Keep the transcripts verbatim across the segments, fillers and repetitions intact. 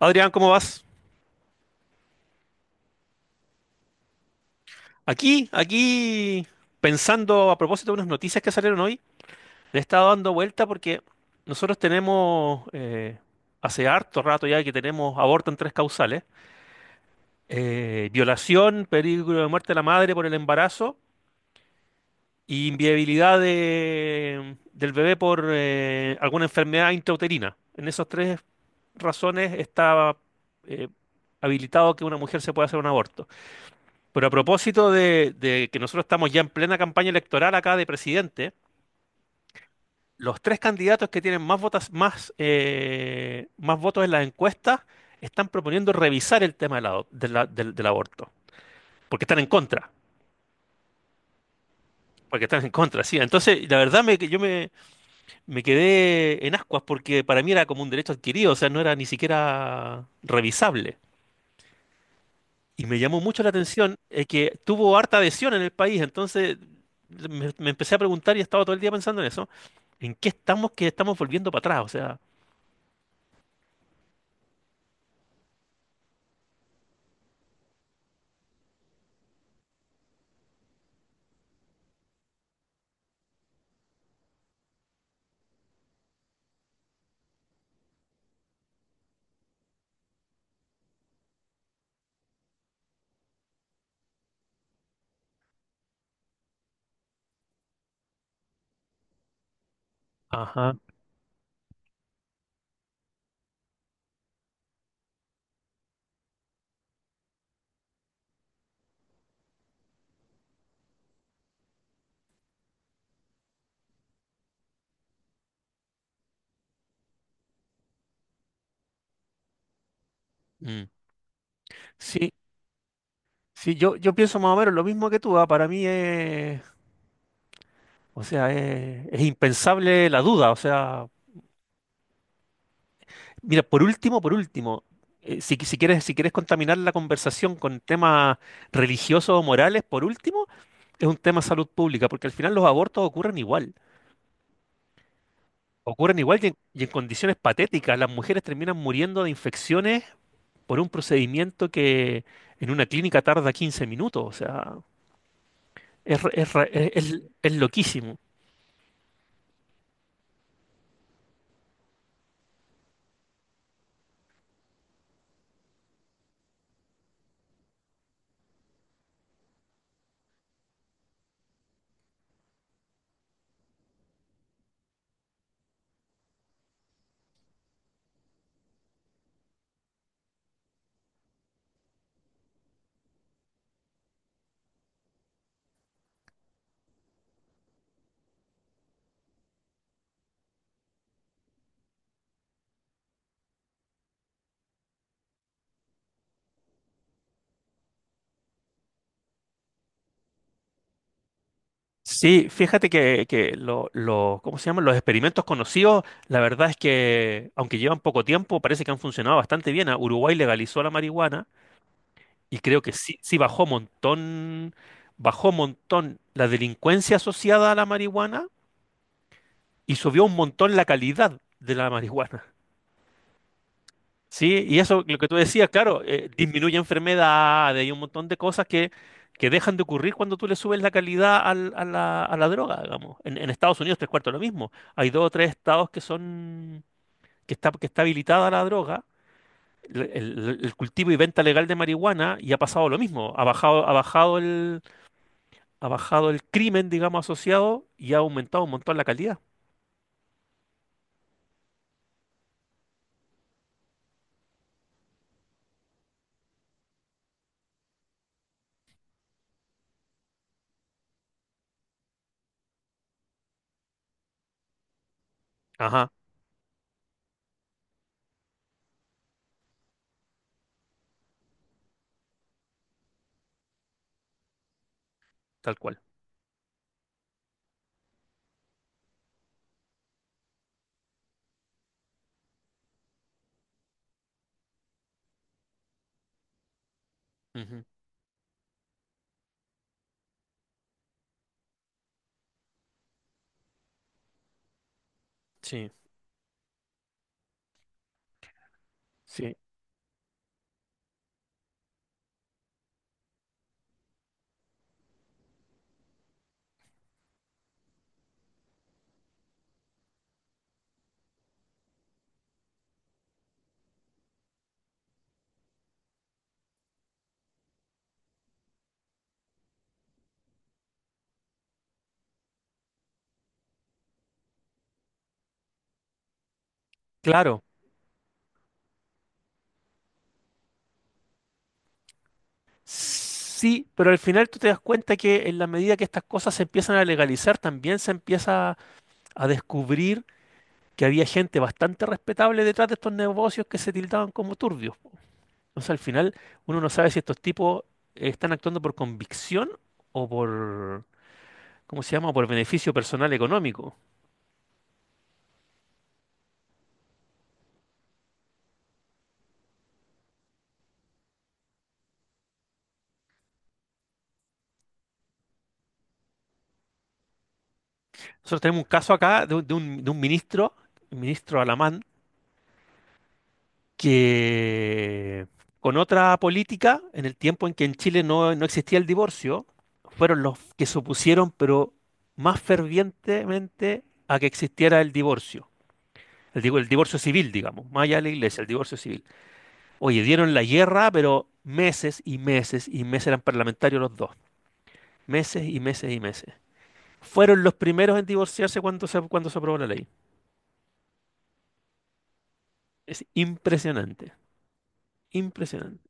Adrián, ¿cómo vas? Aquí, aquí, pensando a propósito de unas noticias que salieron hoy, le he estado dando vuelta porque nosotros tenemos, eh, hace harto rato ya que tenemos aborto en tres causales, eh, violación, peligro de muerte de la madre por el embarazo y inviabilidad de- del bebé por eh, alguna enfermedad intrauterina. En esas tres razones está eh, habilitado que una mujer se pueda hacer un aborto. Pero a propósito de, de que nosotros estamos ya en plena campaña electoral acá de presidente, los tres candidatos que tienen más votas, más, eh, más votos en las encuestas están proponiendo revisar el tema de la- de la- del, del aborto, porque están en contra, porque están en contra, sí. Entonces, la verdad me, yo me, me quedé en ascuas porque para mí era como un derecho adquirido, o sea, no era ni siquiera revisable. Y me llamó mucho la atención eh, que tuvo harta adhesión en el país. Entonces me, me empecé a preguntar y he estado todo el día pensando en eso. ¿En qué estamos que estamos volviendo para atrás? O sea, ajá. Mm, sí, sí, yo, yo pienso más o menos lo mismo que tú, ah, Para mí es, o sea, es, es impensable la duda. O sea, mira, por último, por último, eh, si, si quieres, si quieres contaminar la conversación con temas religiosos o morales, por último, es un tema de salud pública, porque al final los abortos ocurren igual. Ocurren igual y en, y en condiciones patéticas. Las mujeres terminan muriendo de infecciones por un procedimiento que en una clínica tarda quince minutos. O sea, es, re- es, re- es- es- es loquísimo. Sí, fíjate que, que lo- lo- ¿cómo se llaman? Los experimentos conocidos, la verdad es que, aunque llevan poco tiempo, parece que han funcionado bastante bien. A Uruguay legalizó la marihuana y creo que sí, sí bajó montón, bajó montón la delincuencia asociada a la marihuana y subió un montón la calidad de la marihuana. Sí, y eso, lo que tú decías, claro, eh, disminuye enfermedades y un montón de cosas que, que dejan de ocurrir cuando tú le subes la calidad al- a la, a la droga, digamos. En, en Estados Unidos, tres cuartos lo mismo. Hay dos o tres estados que son, que está, que está habilitada la droga, el, el- el cultivo y venta legal de marihuana, y ha pasado lo mismo. Ha bajado, ha bajado el, ha bajado el crimen, digamos, asociado y ha aumentado un montón la calidad. Ajá, tal cual. Ujú. Sí, sí. Claro. Sí, pero al final tú te das cuenta que en la medida que estas cosas se empiezan a legalizar, también se empieza a descubrir que había gente bastante respetable detrás de estos negocios que se tildaban como turbios. O sea, al final uno no sabe si estos tipos eh, están actuando por convicción o por, ¿cómo se llama?, por beneficio personal económico. Nosotros tenemos un caso acá de, un, de un- de un ministro, un ministro alemán, que con otra política, en el tiempo en que en Chile no, no existía el divorcio, fueron los que se opusieron, pero más fervientemente a que existiera el divorcio. El, digo, el divorcio civil, digamos, más allá de la iglesia, el divorcio civil. Oye, dieron la guerra, pero meses y meses y meses eran parlamentarios los dos. Meses y meses y meses. Fueron los primeros en divorciarse cuando se, cuando se aprobó la ley. Es impresionante, impresionante.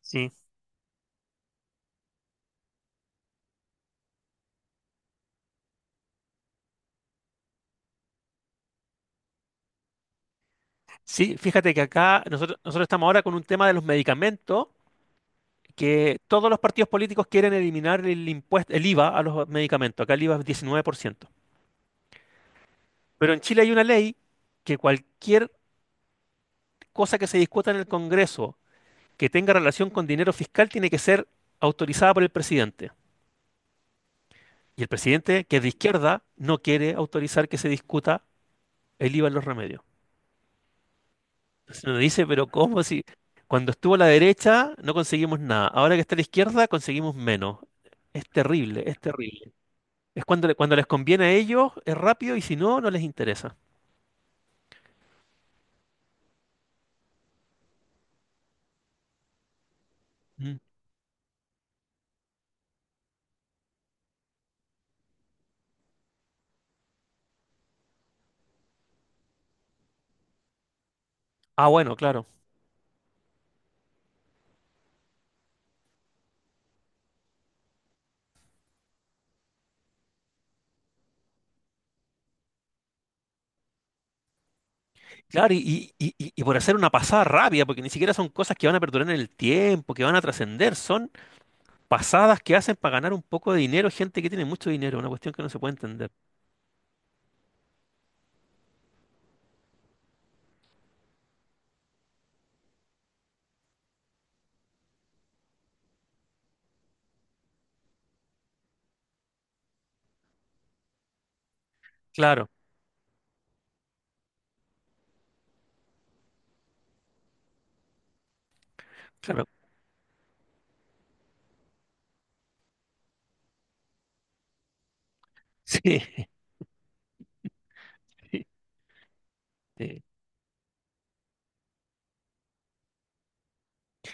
Sí, sí, fíjate que acá nosotros, nosotros estamos ahora con un tema de los medicamentos, que todos los partidos políticos quieren eliminar el impuesto, el IVA a los medicamentos. Acá el IVA es diecinueve por ciento. Pero en Chile hay una ley que cualquier cosa que se discuta en el Congreso que tenga relación con dinero fiscal tiene que ser autorizada por el presidente. Y el presidente, que es de izquierda, no quiere autorizar que se discuta el IVA en los remedios. Se lo dice, pero ¿cómo si cuando estuvo a la derecha no conseguimos nada? Ahora que está a la izquierda conseguimos menos. Es terrible, es terrible. Es cuando, le- cuando les conviene a ellos, es rápido y si no, no les interesa. Mm. Ah, bueno, claro. Claro, y- y- y- y por hacer una pasada rápida, porque ni siquiera son cosas que van a perdurar en el tiempo, que van a trascender, son pasadas que hacen para ganar un poco de dinero gente que tiene mucho dinero, una cuestión que no se puede entender. Claro, claro. Sí. Sí.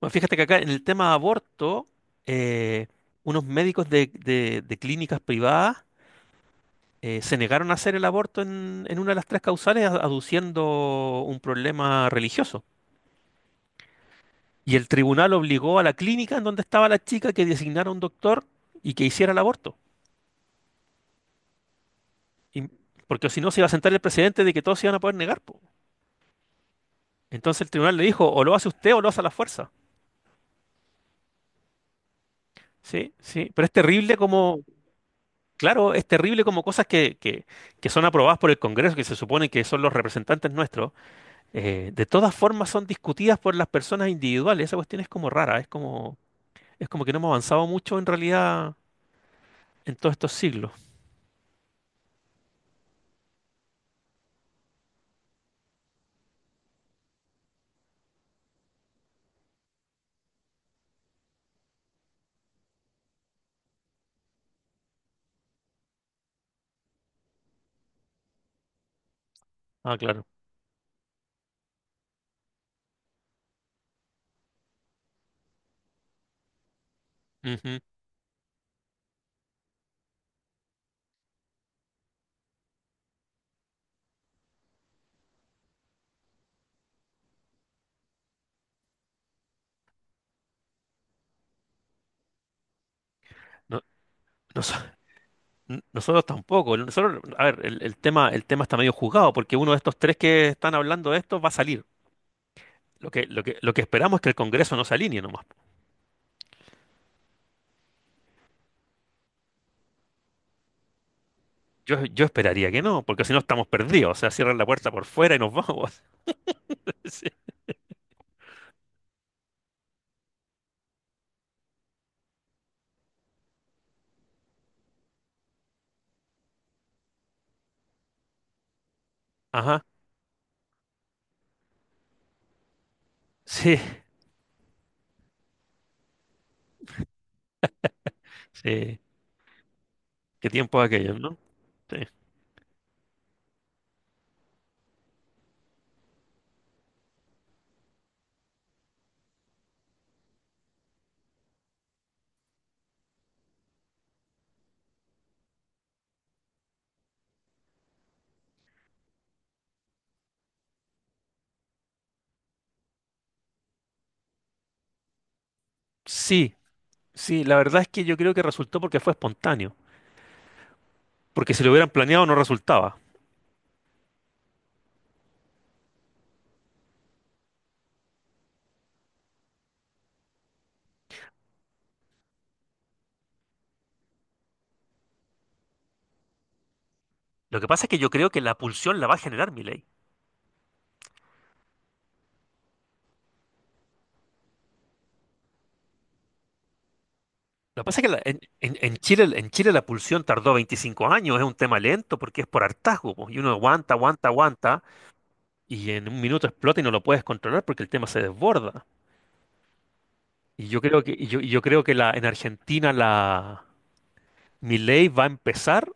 Bueno, fíjate que acá en el tema aborto, eh, unos médicos de, de- de clínicas privadas eh, se negaron a hacer el aborto en, en una de las tres causales, a- aduciendo un problema religioso. Y el tribunal obligó a la clínica en donde estaba la chica que designara un doctor y que hiciera el aborto. Y- Porque si no se iba a sentar el precedente de que todos se iban a poder negar, po. Entonces el tribunal le dijo, o lo hace usted o lo hace a la fuerza. Sí, sí, pero es terrible como. Claro, es terrible como cosas que, que- que son aprobadas por el Congreso, que se supone que son los representantes nuestros, eh, de todas formas son discutidas por las personas individuales. Esa cuestión es como rara, es como, es como que no hemos avanzado mucho en realidad en todos estos siglos. Ah, claro. Ujú. No- noso- n- nosotros tampoco. No, nosotros, a ver, el, el tema, el tema está medio juzgado, porque uno de estos tres que están hablando de esto va a salir. Lo que, lo que, lo que esperamos es que el Congreso no se alinee nomás. Yo, yo esperaría que no, porque si no estamos perdidos. O sea, cierran la puerta por fuera y nos vamos. Sí. Ajá, sí, sí. Qué tiempo aquellos, ¿no? Sí. Sí, sí, la verdad es que yo creo que resultó porque fue espontáneo. Porque si lo hubieran planeado no resultaba. Lo que pasa es que yo creo que la pulsión la va a generar mi. Lo que pasa es que la- en, en- en Chile, en Chile la pulsión tardó veinticinco años, es un tema lento porque es por hartazgo, po, y uno aguanta, aguanta, aguanta, y en un minuto explota y no lo puedes controlar porque el tema se desborda. Y yo creo que, y yo, y yo creo que la, en Argentina la Milei va a empezar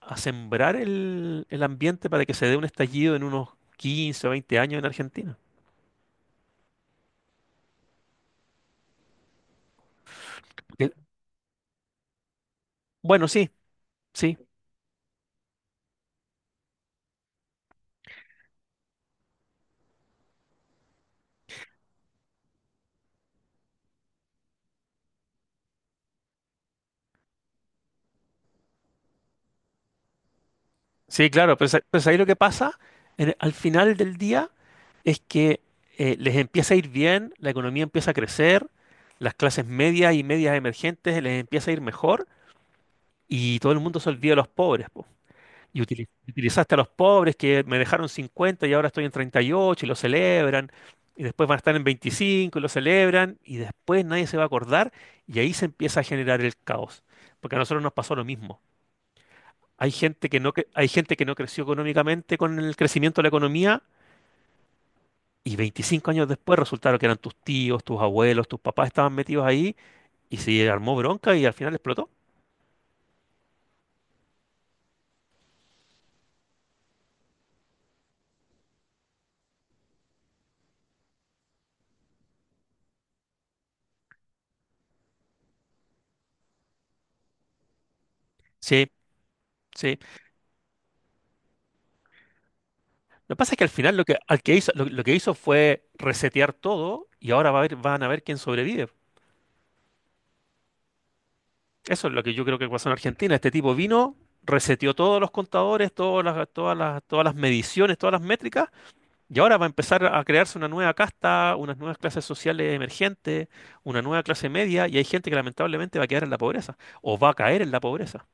a sembrar el, el ambiente para que se dé un estallido en unos quince o veinte años en Argentina. Que- Bueno, sí, sí, sí, claro, pero, sa- pero ahí lo que pasa en- al final del día es que eh, les empieza a ir bien, la economía empieza a crecer, las clases medias y medias emergentes les empieza a ir mejor y todo el mundo se olvida de los pobres, po. Y utili- utilizaste a los pobres que me dejaron cincuenta y ahora estoy en treinta y ocho y ocho y lo celebran. Y después van a estar en veinticinco y lo celebran. Y después nadie se va a acordar. Y ahí se empieza a generar el caos. Porque a nosotros nos pasó lo mismo. Hay gente que no, cre- hay gente que no creció económicamente con el crecimiento de la economía. Y veinticinco años después resultaron que eran tus tíos, tus abuelos, tus papás estaban metidos ahí. Y se armó bronca y al final explotó. Sí, sí. Lo que pasa es que al final lo que, al que hizo, lo, lo que hizo fue resetear todo y ahora va a haber- van a ver quién sobrevive. Eso es lo que yo creo que pasó en Argentina. Este tipo vino, reseteó todos los contadores, todas las, todas las, todas las mediciones, todas las métricas, y ahora va a empezar a crearse una nueva casta, unas nuevas clases sociales emergentes, una nueva clase media, y hay gente que lamentablemente va a quedar en la pobreza, o va a caer en la pobreza.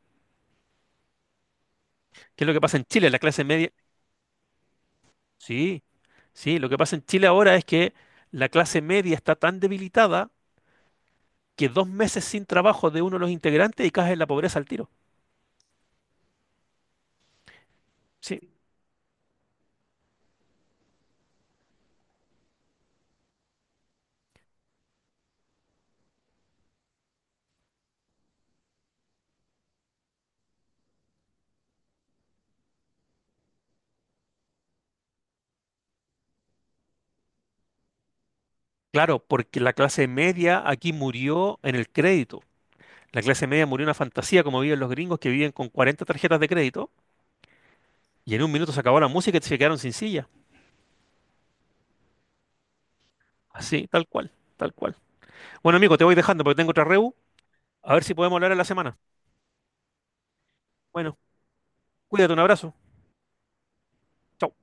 ¿Qué es lo que pasa en Chile? La clase media. Sí, sí, lo que pasa en Chile ahora es que la clase media está tan debilitada que dos meses sin trabajo de uno de los integrantes y caes en la pobreza al tiro. Sí, claro, porque la clase media aquí murió en el crédito. La clase media murió en una fantasía como viven los gringos que viven con cuarenta tarjetas de crédito y en un minuto se acabó la música y se quedaron sin silla. Así, tal cual, tal cual. Bueno, amigo, te voy dejando porque tengo otra reu. A ver si podemos hablar en la semana. Bueno, cuídate, un abrazo. Chao.